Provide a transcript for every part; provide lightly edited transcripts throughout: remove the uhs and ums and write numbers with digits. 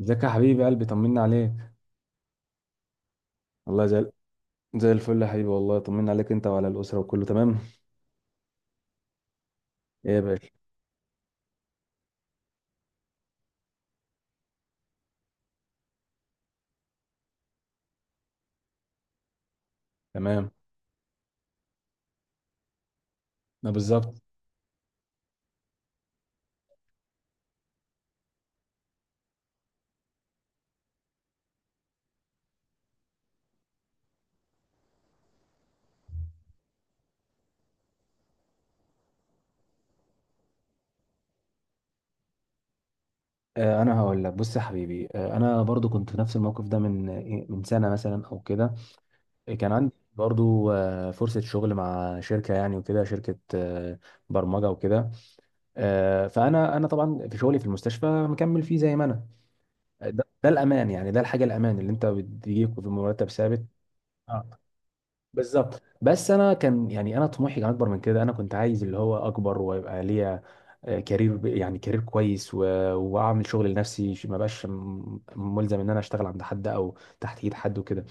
ازيك يا حبيبي، قلبي طمنا عليك. والله زي الفل يا حبيبي، والله طمنا عليك انت وعلى الاسره، وكله تمام. ايه يا باشا؟ تمام. ما بالظبط. انا هقول لك، بص يا حبيبي، انا برضو كنت في نفس الموقف ده من من سنه مثلا او كده. كان عندي برضو فرصه شغل مع شركه، يعني وكده، شركه برمجه وكده. فانا طبعا في شغلي في المستشفى مكمل فيه زي ما انا. ده الامان، يعني ده الحاجه الامان اللي انت بتجيك في مرتب ثابت. بالظبط، بس انا كان يعني انا طموحي كان اكبر من كده، انا كنت عايز اللي هو اكبر ويبقى ليا كارير، يعني كارير كويس، و... واعمل شغل لنفسي، ما بقاش ملزم ان انا اشتغل عند حد او تحت ايد حد وكده.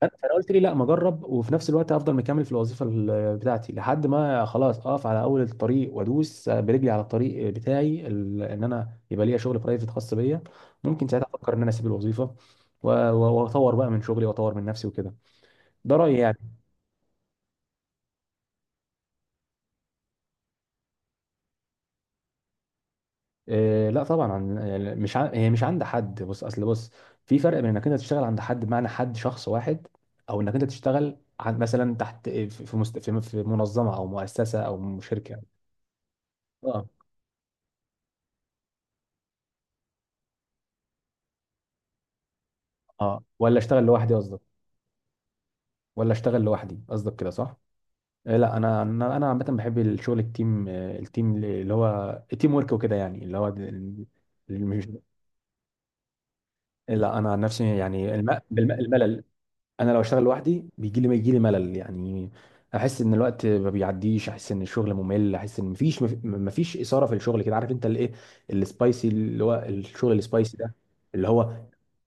فانا قلت لي لا، ما اجرب، وفي نفس الوقت افضل مكمل في الوظيفه بتاعتي لحد ما خلاص اقف على اول الطريق وادوس برجلي على الطريق بتاعي ان انا يبقى ليا شغل برايفت خاص بيا. ممكن ساعتها افكر ان انا اسيب الوظيفه واطور بقى من شغلي واطور من نفسي وكده. ده رايي يعني. إيه لا طبعا، عن يعني مش عن، هي مش عند حد، بص اصل بص، في فرق بين انك انت تشتغل عند حد بمعنى حد شخص واحد، او انك انت تشتغل عن مثلا تحت في مست، في منظمه او مؤسسه او شركه. اه، اه، ولا اشتغل لوحدي قصدك، ولا اشتغل لوحدي قصدك كده، صح؟ إيه لا، انا عامه بحب الشغل التيم، التيم اللي هو التيم ورك وكده، يعني اللي هو اللي مش، لا انا عن نفسي يعني الملل. انا لو اشتغل لوحدي بيجي لي يجي لي ملل يعني. احس ان الوقت ما بيعديش، احس ان الشغل ممل، احس ان مفيش اثاره في الشغل، كده عارف انت الايه، السبايسي اللي هو الشغل السبايسي ده، اللي هو،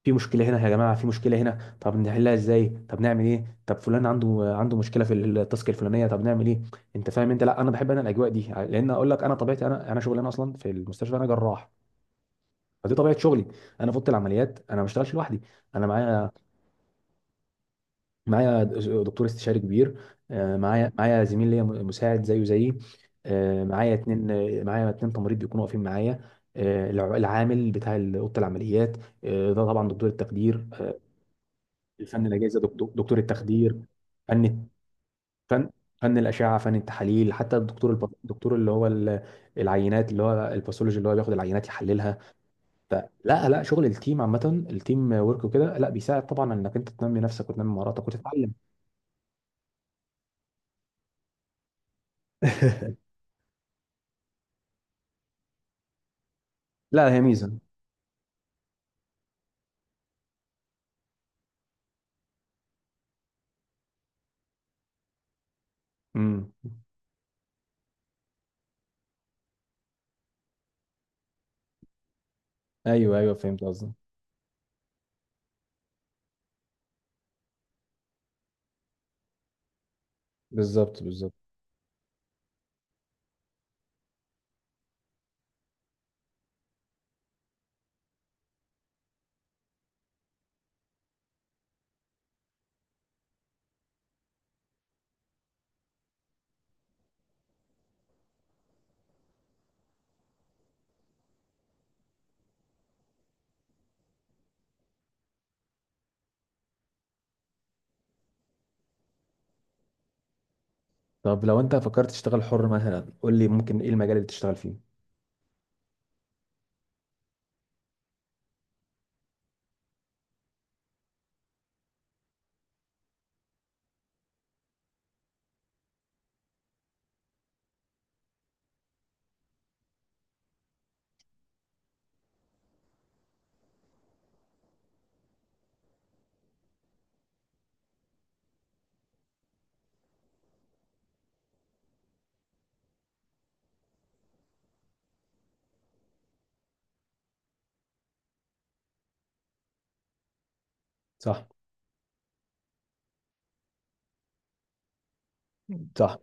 في مشكله هنا يا جماعه، في مشكله هنا، طب نحلها ازاي؟ طب نعمل ايه؟ طب فلان عنده مشكله في التاسك الفلانيه، طب نعمل ايه؟ انت فاهم؟ انت، لا انا بحب انا الاجواء دي، لان اقول لك انا طبيعتي، انا شغلانه اصلا في المستشفى، انا جراح. فدي طبيعه شغلي. انا في اوضه العمليات انا ما بشتغلش لوحدي. انا معايا، معايا دكتور استشاري كبير. معايا زميل ليا مساعد زيه زيي. معايا اتنين تمريض بيكونوا واقفين معايا. العامل بتاع اوضه العمليات. ده طبعا دكتور التخدير. الفن الاجهزه دكتور التخدير. فن فن فن الاشعه، فن التحاليل، حتى الدكتور الدكتور اللي هو العينات، اللي هو الباثولوجي اللي هو بياخد العينات يحللها. فلا، لا شغل التيم عامه، التيم ورك وكده، لا بيساعد طبعا انك انت تنمي نفسك وتنمي مهاراتك وتتعلم. لا، هي ميزه. امم. ايوه، ايوه، فهمت قصدك. بالظبط، بالظبط. طب لو انت فكرت تشتغل حر مثلا، قول لي ممكن ايه المجال اللي تشتغل فيه؟ صح. مم. صح.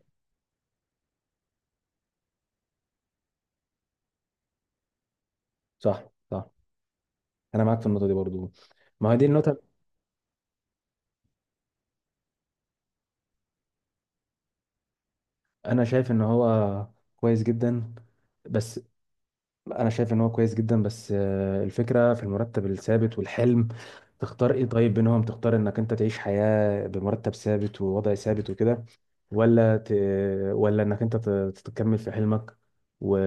صح. صح. انا معاك في النقطه دي برضو. ما هي دي النقطه. انا شايف ان هو كويس جدا، بس، لا، انا شايف ان هو كويس جدا، بس الفكره في المرتب الثابت والحلم. تختار ايه طيب بينهم؟ تختار انك انت تعيش حياه بمرتب ثابت ووضع ثابت وكده، ولا ت... ولا انك انت تتكمل في حلمك، و...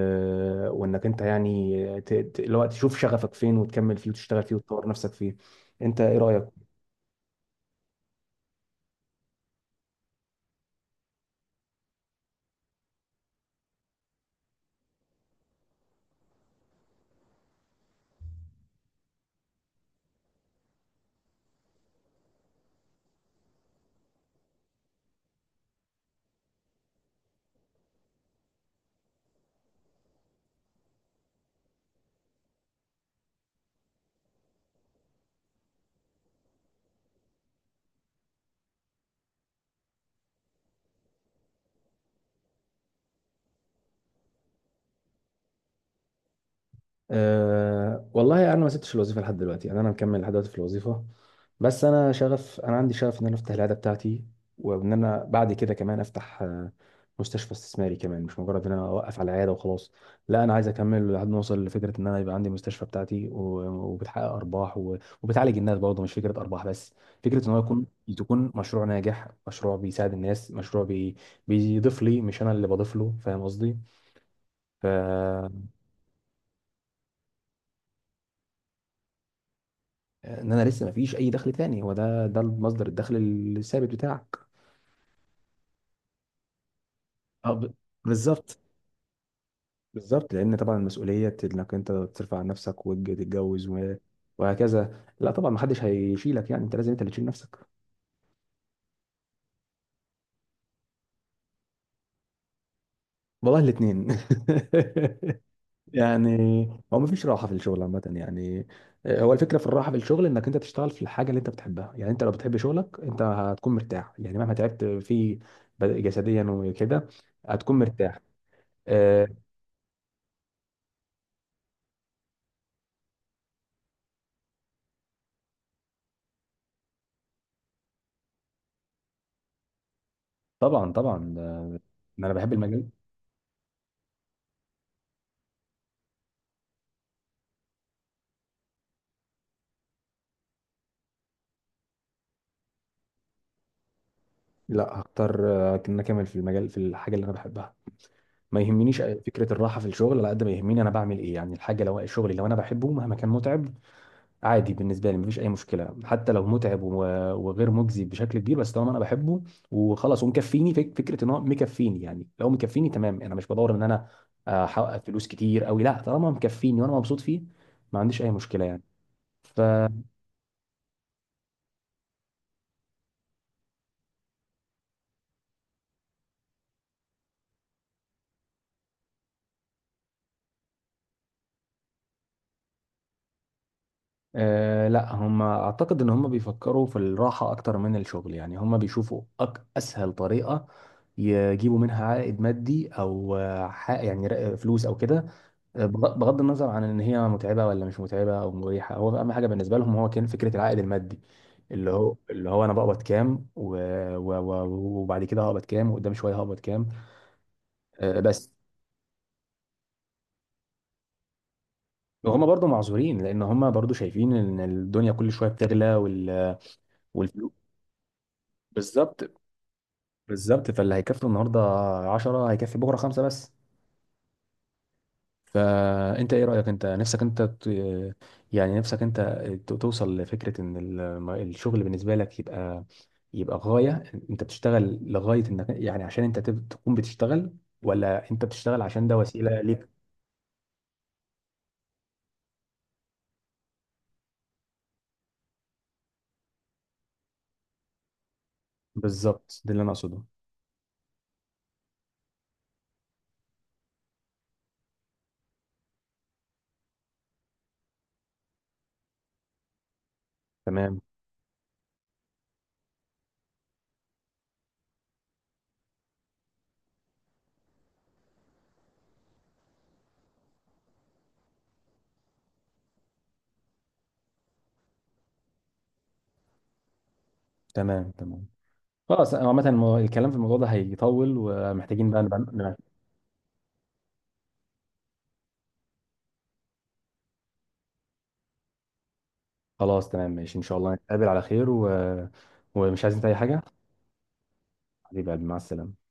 وانك انت يعني لو تشوف شغفك فين وتكمل فيه وتشتغل فيه وتطور نفسك فيه. انت ايه رايك؟ أه والله، انا ما سبتش الوظيفه لحد دلوقتي، يعني انا مكمل لحد دلوقتي في الوظيفه. بس انا شغف، انا عندي شغف ان انا افتح العياده بتاعتي، وان انا بعد كده كمان افتح مستشفى استثماري كمان، مش مجرد ان انا اوقف على العياده وخلاص. لا، انا عايز اكمل لحد ما اوصل لفكره ان انا يبقى عندي مستشفى بتاعتي، وبتحقق ارباح، وبتعالج الناس برضه، مش فكره ارباح بس، فكره ان هو يكون، تكون مشروع ناجح، مشروع بيساعد الناس، بيضيف لي، مش انا اللي بضيف له، فاهم قصدي؟ ف ان انا لسه ما فيش اي دخل تاني، هو ده مصدر الدخل الثابت بتاعك. اه، بالظبط. بالظبط لان طبعا المسؤوليه انك انت ترفع عن نفسك وتتجوز، و... وهكذا، لا طبعا ما حدش هيشيلك يعني، انت لازم انت اللي تشيل نفسك. والله الاثنين. يعني، هو ما فيش راحه في الشغل عامه يعني. هو الفكره في الراحه في الشغل انك انت تشتغل في الحاجه اللي انت بتحبها، يعني انت لو بتحب شغلك انت هتكون مرتاح يعني مهما تعبت فيه جسديا وكده، هتكون مرتاح. آه، طبعا، طبعا، ان انا بحب المجال. لا هختار ان أنا اكمل في المجال في الحاجه اللي انا بحبها. ما يهمنيش فكره الراحه في الشغل على قد ما يهمني انا بعمل ايه، يعني الحاجه لو الشغل لو انا بحبه مهما كان متعب، عادي بالنسبه لي، مفيش اي مشكله حتى لو متعب وغير مجزي بشكل كبير، بس طالما انا بحبه وخلاص ومكفيني، فكره ان هو مكفيني يعني، لو مكفيني تمام انا مش بدور ان انا احقق فلوس كتير قوي، لا طالما مكفيني وانا مبسوط فيه، ما عنديش اي مشكله يعني. ف أه لا، هم اعتقد ان هم بيفكروا في الراحة اكتر من الشغل، يعني هم بيشوفوا اسهل طريقة يجيبوا منها عائد مادي، او يعني فلوس او كده. بغض النظر عن ان هي متعبة ولا مش متعبة او مريحة، هو اهم حاجة بالنسبة لهم هو كان فكرة العائد المادي، اللي هو انا بقبض كام، و... و... و... وبعد كده هقبض كام، وقدام شوية هقبض كام. أه بس، وهم برضو معذورين لان هم برضو شايفين ان الدنيا كل شوية بتغلى والفلوس. بالظبط، بالظبط، فاللي هيكفي النهارده 10 هيكفي بكره 5 بس. فانت ايه رأيك؟ انت نفسك انت يعني نفسك انت توصل لفكرة ان الشغل بالنسبة لك يبقى، يبقى غاية. انت بتشتغل لغاية انك، يعني عشان انت تكون بتشتغل، ولا انت بتشتغل عشان ده وسيلة ليك؟ بالظبط، ده اللي انا اقصده. تمام، تمام. تمام. خلاص، أنا عامة الكلام في الموضوع ده هيطول ومحتاجين بقى خلاص، تمام، ماشي، ان شاء الله نتقابل على خير، و... ومش عايزين أنت اي حاجة. حبيب قلبي، مع السلامة.